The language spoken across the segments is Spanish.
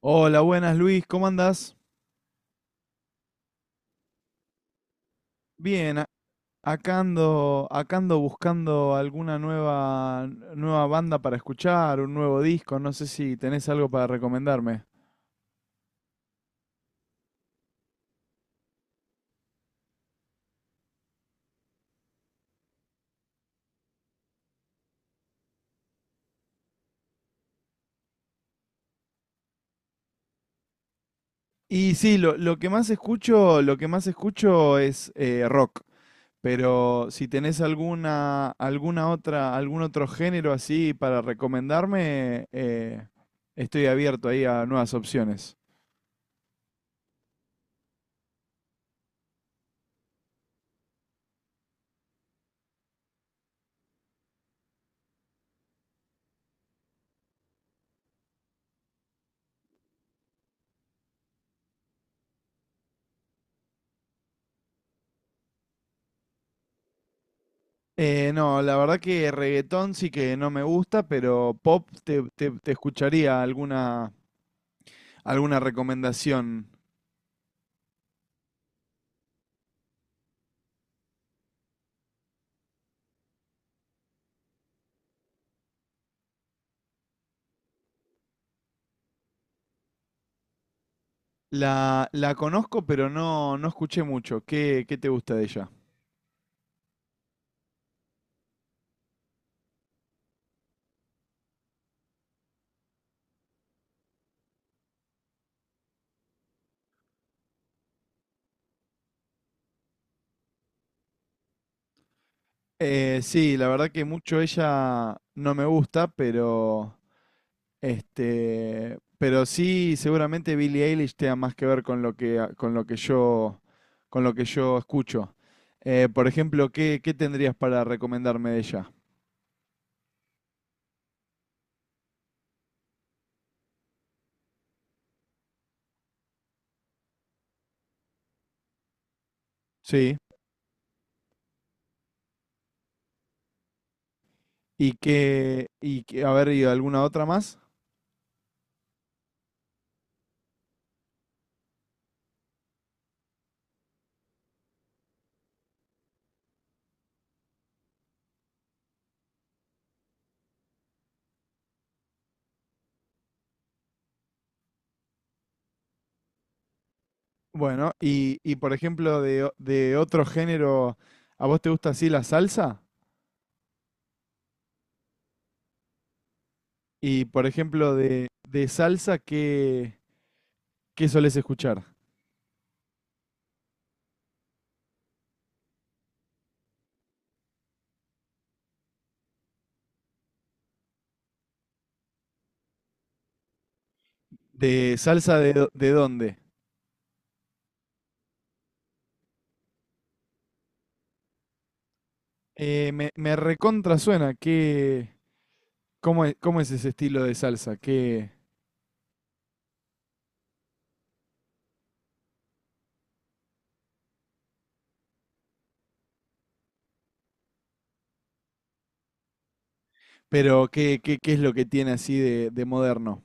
Hola, buenas Luis, ¿cómo andás? Bien, acá ando buscando alguna nueva, nueva banda para escuchar, un nuevo disco, no sé si tenés algo para recomendarme. Y sí, lo que más escucho, lo que más escucho es rock, pero si tenés alguna, alguna otra, algún otro género así para recomendarme, estoy abierto ahí a nuevas opciones. No, la verdad que reggaetón sí que no me gusta, pero pop te, te escucharía alguna, alguna recomendación. La conozco, pero no, no escuché mucho. ¿Qué, qué te gusta de ella? Sí, la verdad que mucho ella no me gusta, pero este, pero sí, seguramente Billie Eilish tenga más que ver con lo que, con lo que yo, con lo que yo escucho. Por ejemplo, ¿qué, qué tendrías para recomendarme de ella? Sí. Y que, a ver, ¿y alguna otra más? Bueno, y por ejemplo, de, de otro género, ¿a vos te gusta así la salsa? Y por ejemplo, de salsa, ¿qué, qué solés escuchar? ¿De salsa de, de dónde? Me, me recontra suena, ¿qué, cómo es ese estilo de salsa? ¿Qué, pero qué, qué, qué es lo que tiene así de moderno?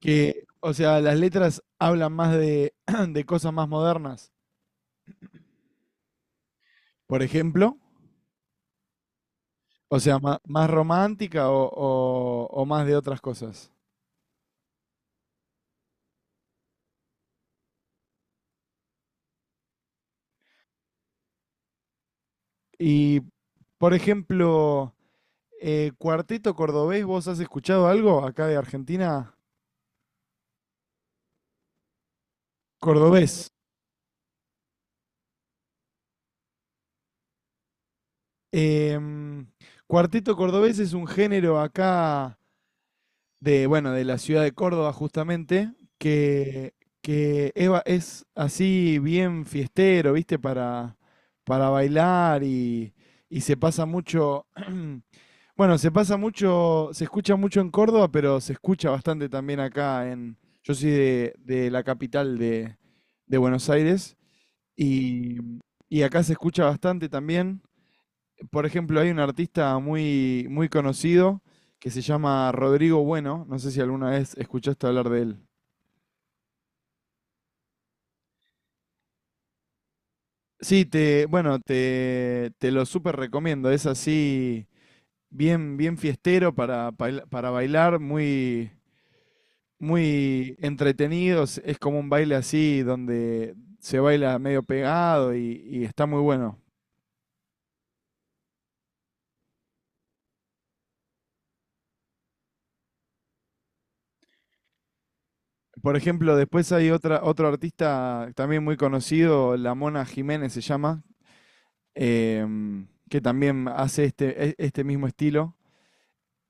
Que, o sea, las letras hablan más de, de cosas más modernas, por ejemplo. O sea, más romántica o, o más de otras cosas. Y, por ejemplo, Cuarteto Cordobés, ¿vos has escuchado algo acá de Argentina? Cordobés. Em, Cuarteto Cordobés es un género acá de, bueno, de la ciudad de Córdoba justamente, que Eva es así bien fiestero, ¿viste? Para bailar y se pasa mucho, bueno, se pasa mucho, se escucha mucho en Córdoba, pero se escucha bastante también acá en, yo soy de la capital de Buenos Aires y, y acá se escucha bastante también. Por ejemplo, hay un artista muy, muy conocido que se llama Rodrigo Bueno. No sé si alguna vez escuchaste hablar de él. Sí, te, bueno, te lo súper recomiendo. Es así, bien, bien fiestero para, para bailar, muy, muy entretenido. Es como un baile así donde se baila medio pegado y está muy bueno. Por ejemplo, después hay otra, otro artista también muy conocido, La Mona Jiménez se llama que también hace este, este mismo estilo.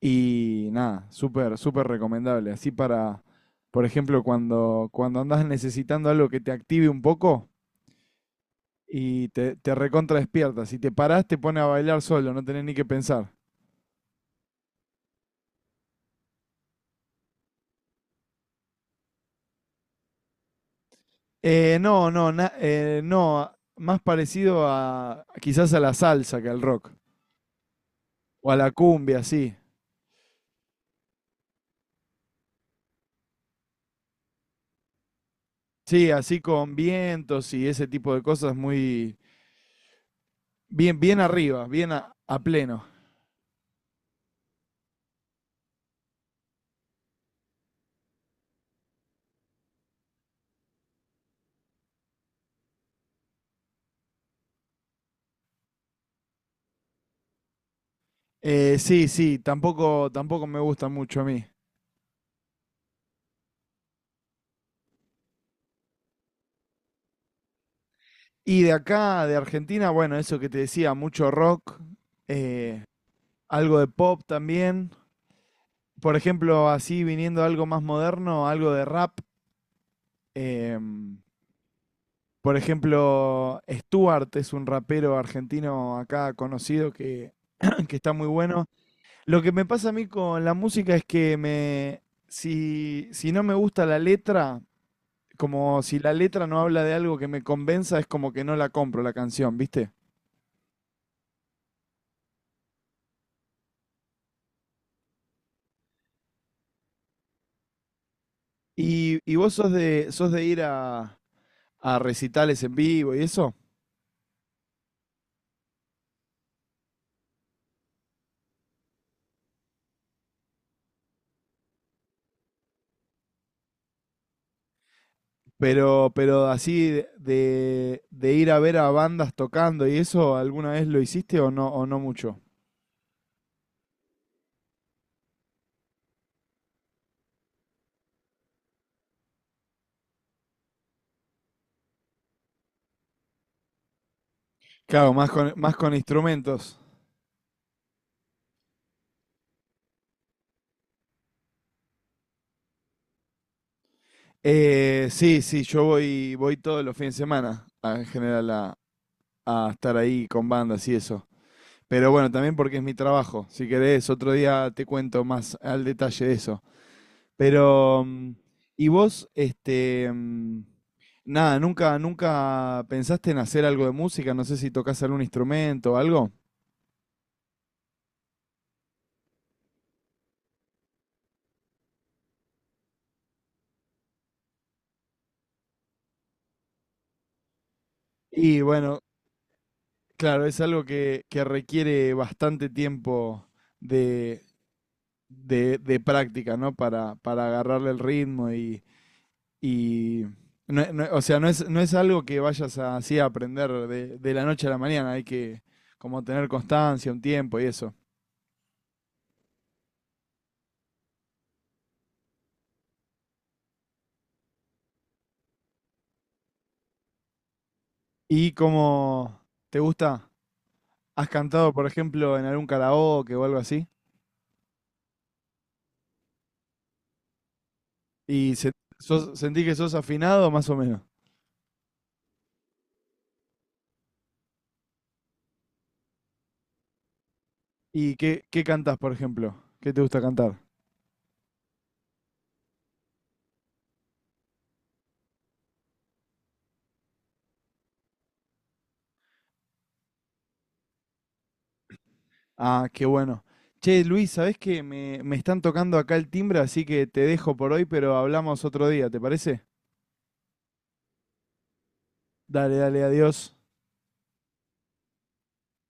Y nada, súper, súper recomendable. Así para, por ejemplo, cuando, cuando andás necesitando algo que te active un poco y te recontra despierta. Si te parás, te pone a bailar solo, no tenés ni que pensar. No, no, no, más parecido a quizás a la salsa que al rock. O a la cumbia, sí. Sí, así con vientos y ese tipo de cosas muy bien, bien arriba, bien a pleno. Sí, sí, tampoco, tampoco me gusta mucho a mí. Y de acá, de Argentina, bueno, eso que te decía, mucho rock, eh, algo de pop también. Por ejemplo, así viniendo a algo más moderno, algo de rap. em, por ejemplo, Stuart es un rapero argentino acá conocido que, que está muy bueno. Lo que me pasa a mí con la música es que me, si, si no me gusta la letra, como si la letra no habla de algo que me convenza, es como que no la compro la canción, ¿viste? Y vos sos de ir a recitales en vivo y eso, pero así de, de ir a ver a bandas tocando y eso, ¿alguna vez lo hiciste o no mucho? Claro, más con instrumentos. Sí, sí, yo voy, voy todos los fines de semana en general a estar ahí con bandas y eso. Pero bueno, también porque es mi trabajo. Si querés, otro día te cuento más al detalle de eso. Pero, ¿y vos, este, nada, nunca, nunca pensaste en hacer algo de música? No sé si tocas algún instrumento o algo. Y bueno, claro, es algo que requiere bastante tiempo de, de práctica, ¿no? Para agarrarle el ritmo Y, o sea, no es, no es algo que vayas así a aprender de la noche a la mañana. Hay que como tener constancia, un tiempo y eso. ¿Y cómo te gusta? ¿Has cantado, por ejemplo, en algún karaoke o algo así? ¿Y sentís que sos afinado más o menos? ¿Y qué, qué cantás, por ejemplo? ¿Qué te gusta cantar? Ah, qué bueno. Che, Luis, ¿sabés que me están tocando acá el timbre, así que te dejo por hoy, pero hablamos otro día, ¿te parece? Dale, dale, adiós.